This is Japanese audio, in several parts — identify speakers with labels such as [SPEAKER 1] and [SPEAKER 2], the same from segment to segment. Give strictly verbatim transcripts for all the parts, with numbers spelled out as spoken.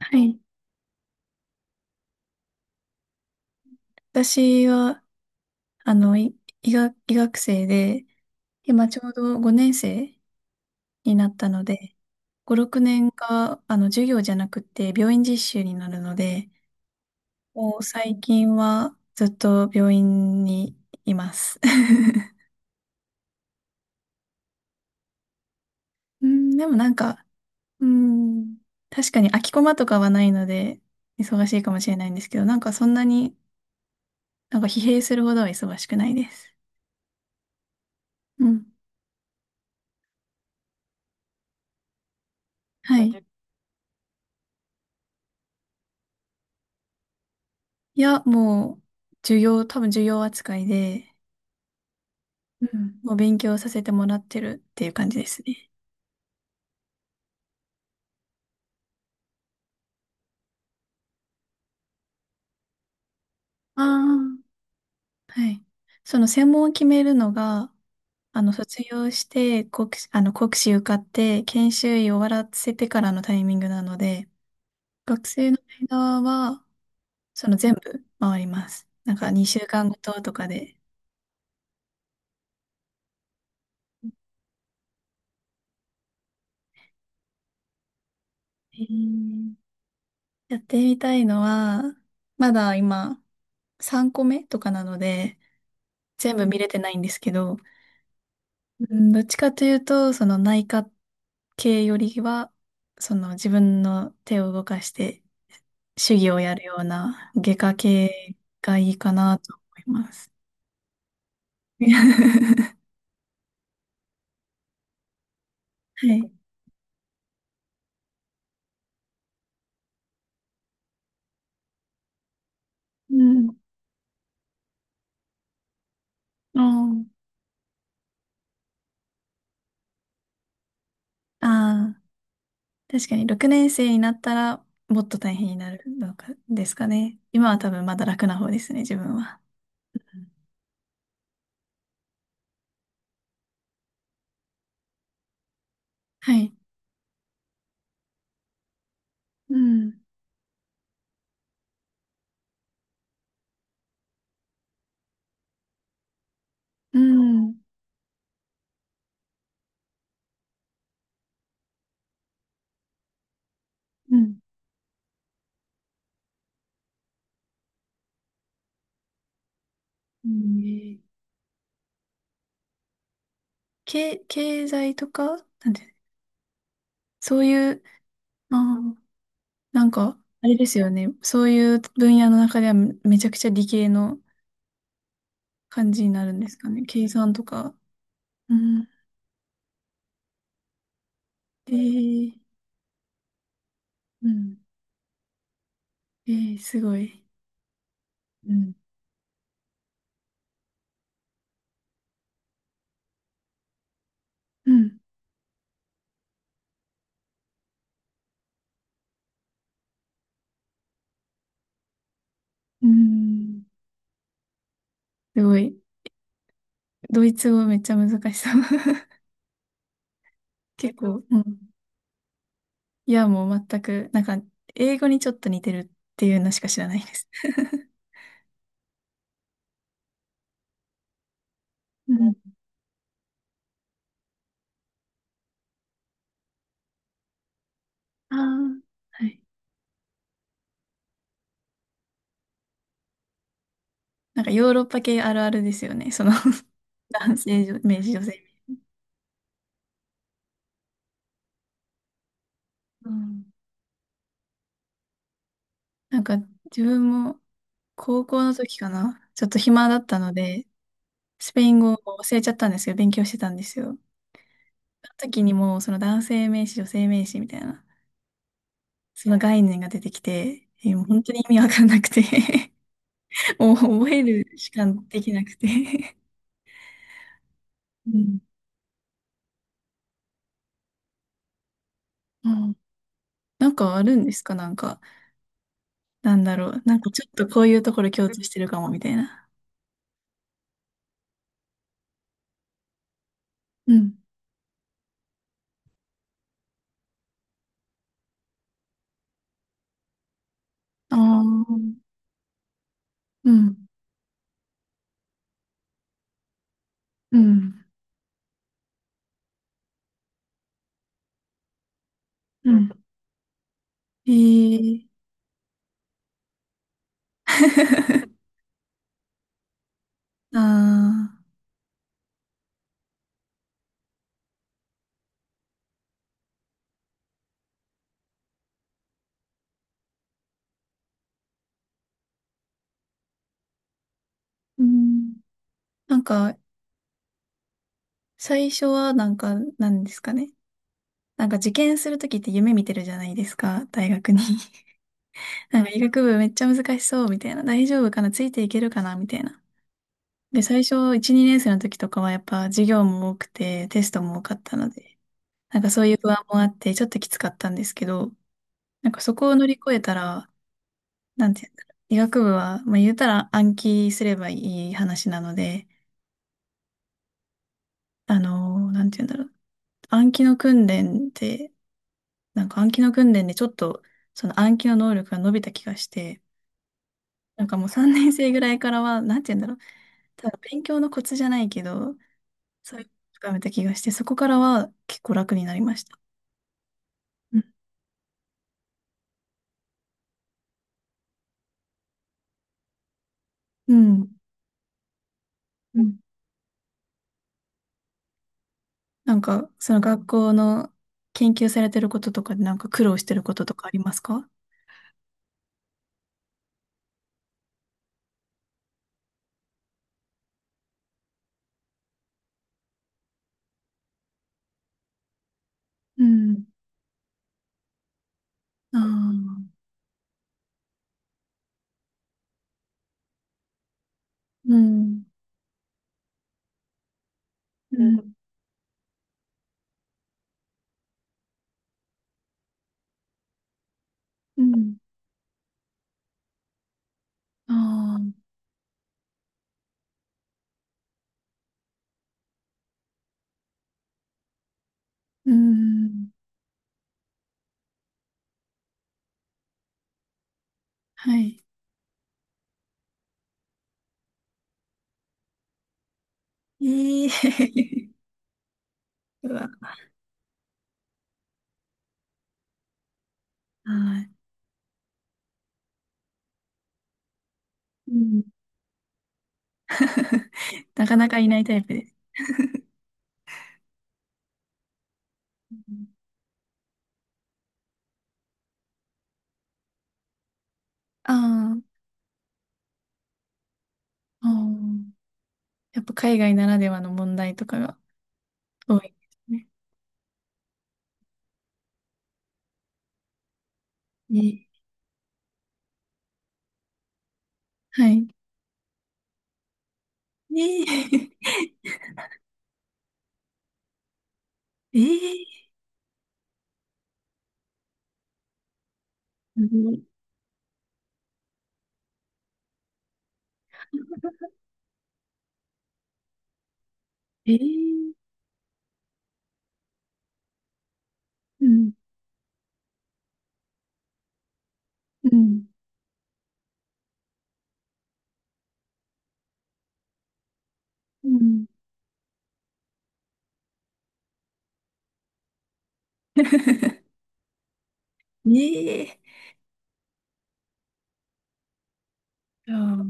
[SPEAKER 1] はい。私は、あの、い医学、医学生で、今ちょうどごねんせい生になったので、ご、ろくねんが、あの、授業じゃなくて、病院実習になるので、もう最近はずっと病院にいます。うん、でもなんか、うん、確かに空きコマとかはないので、忙しいかもしれないんですけど、なんかそんなに、なんか疲弊するほどは忙しくないです。うん。はい。いや、もう、授業、多分授業扱いで、うん。もう勉強させてもらってるっていう感じですね。ああ、はい。その専門を決めるのが、あの、卒業して、国、あの、国試受かって、研修医終わらせてからのタイミングなので、学生の間は、その全部回ります。なんか、にしゅうかんごととかで。へえ。やってみたいのは、まだ今、さんこめとかなので、全部見れてないんですけど、うん、どっちかというと、その内科系よりは、その自分の手を動かして手技をやるような外科系がいいかなと思います。はい。うん。ああー、確かにろくねんせい生になったらもっと大変になるのかですかね。今は多分まだ楽な方ですね、自分は。うん。はい。うん。うん。うん。うん。経、経済とか、なんて、そういう、あなんか、あれですよね。そういう分野の中ではめめちゃくちゃ理系の感じになるんですかね。計算とか。うん。えー、うん。えー、すごい。うん。うん。うん。すごい。ドイツ語めっちゃ難しそう。結構、うん。いや、もう全く、なんか、英語にちょっと似てるっていうのしか知らないです。うん。ああ、はい。なんかヨーロッパ系あるあるですよね。その 男性、女性、女性。うん。なんか自分も高校の時かな。ちょっと暇だったので、スペイン語を忘れちゃったんですよ。勉強してたんですよ。その時にもうその男性名詞、女性名詞みたいな、その概念が出てきて、えーもう本当に意味わかんなくて もう覚えるしかできなくて うん。うん。なんかあるんですか。なんか、なんだろう。なんかちょっとこういうところ共通してるかも、みたいな。うん。ああ、うん。うん。うん。ええ ああ。うん。なんか、最初はなんか、なんですかね。なんか受験するときって夢見てるじゃないですか、大学に。なんか医学部めっちゃ難しそう、みたいな。大丈夫かなついていけるかなみたいな。で、最初いち、にねんせい生の時とかはやっぱ授業も多くて、テストも多かったので、なんかそういう不安もあって、ちょっときつかったんですけど、なんかそこを乗り越えたら、なんて言うんだろう。医学部は、まあ言うたら暗記すればいい話なので、あのーなんて言うんだろう。暗記の訓練って、なんか暗記の訓練でちょっとその暗記の能力が伸びた気がして、なんかもうさんねんせい生ぐらいからは、なんて言うんだろう、ただ勉強のコツじゃないけど、そういうのを深めた気がして、そこからは結構楽になりました。うん。うん。うん。なんか、その学校の研究されてることとかでなんか苦労してることとかありますか。うん。ああ。うん。うん。うん。ああ。うん。はい。ええ うわ。はい。うん なかなかいないタイプです。ああー、あー、やっぱ海外ならではの問題とかが多いですね。ね。はい。ねえ。ええ。ええ。うん。うん。うん。ねえ。ああ、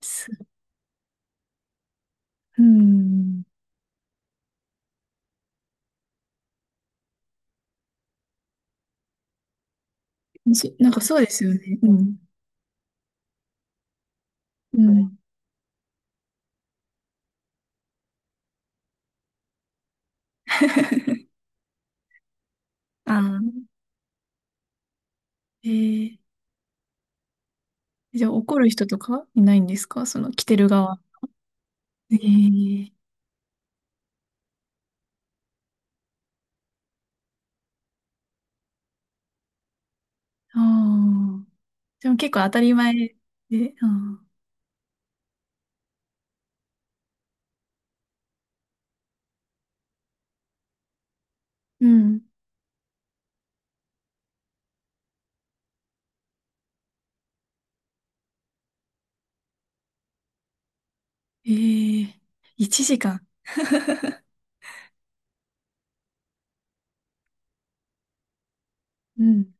[SPEAKER 1] す、うん。しなんかそうですよね。うん。うん。ああ、ええ。じゃあ怒る人とかいないんですかその来てる側。ええ。ああ。でも結構当たり前で、うん。うん。ええ。いちじかん。うん。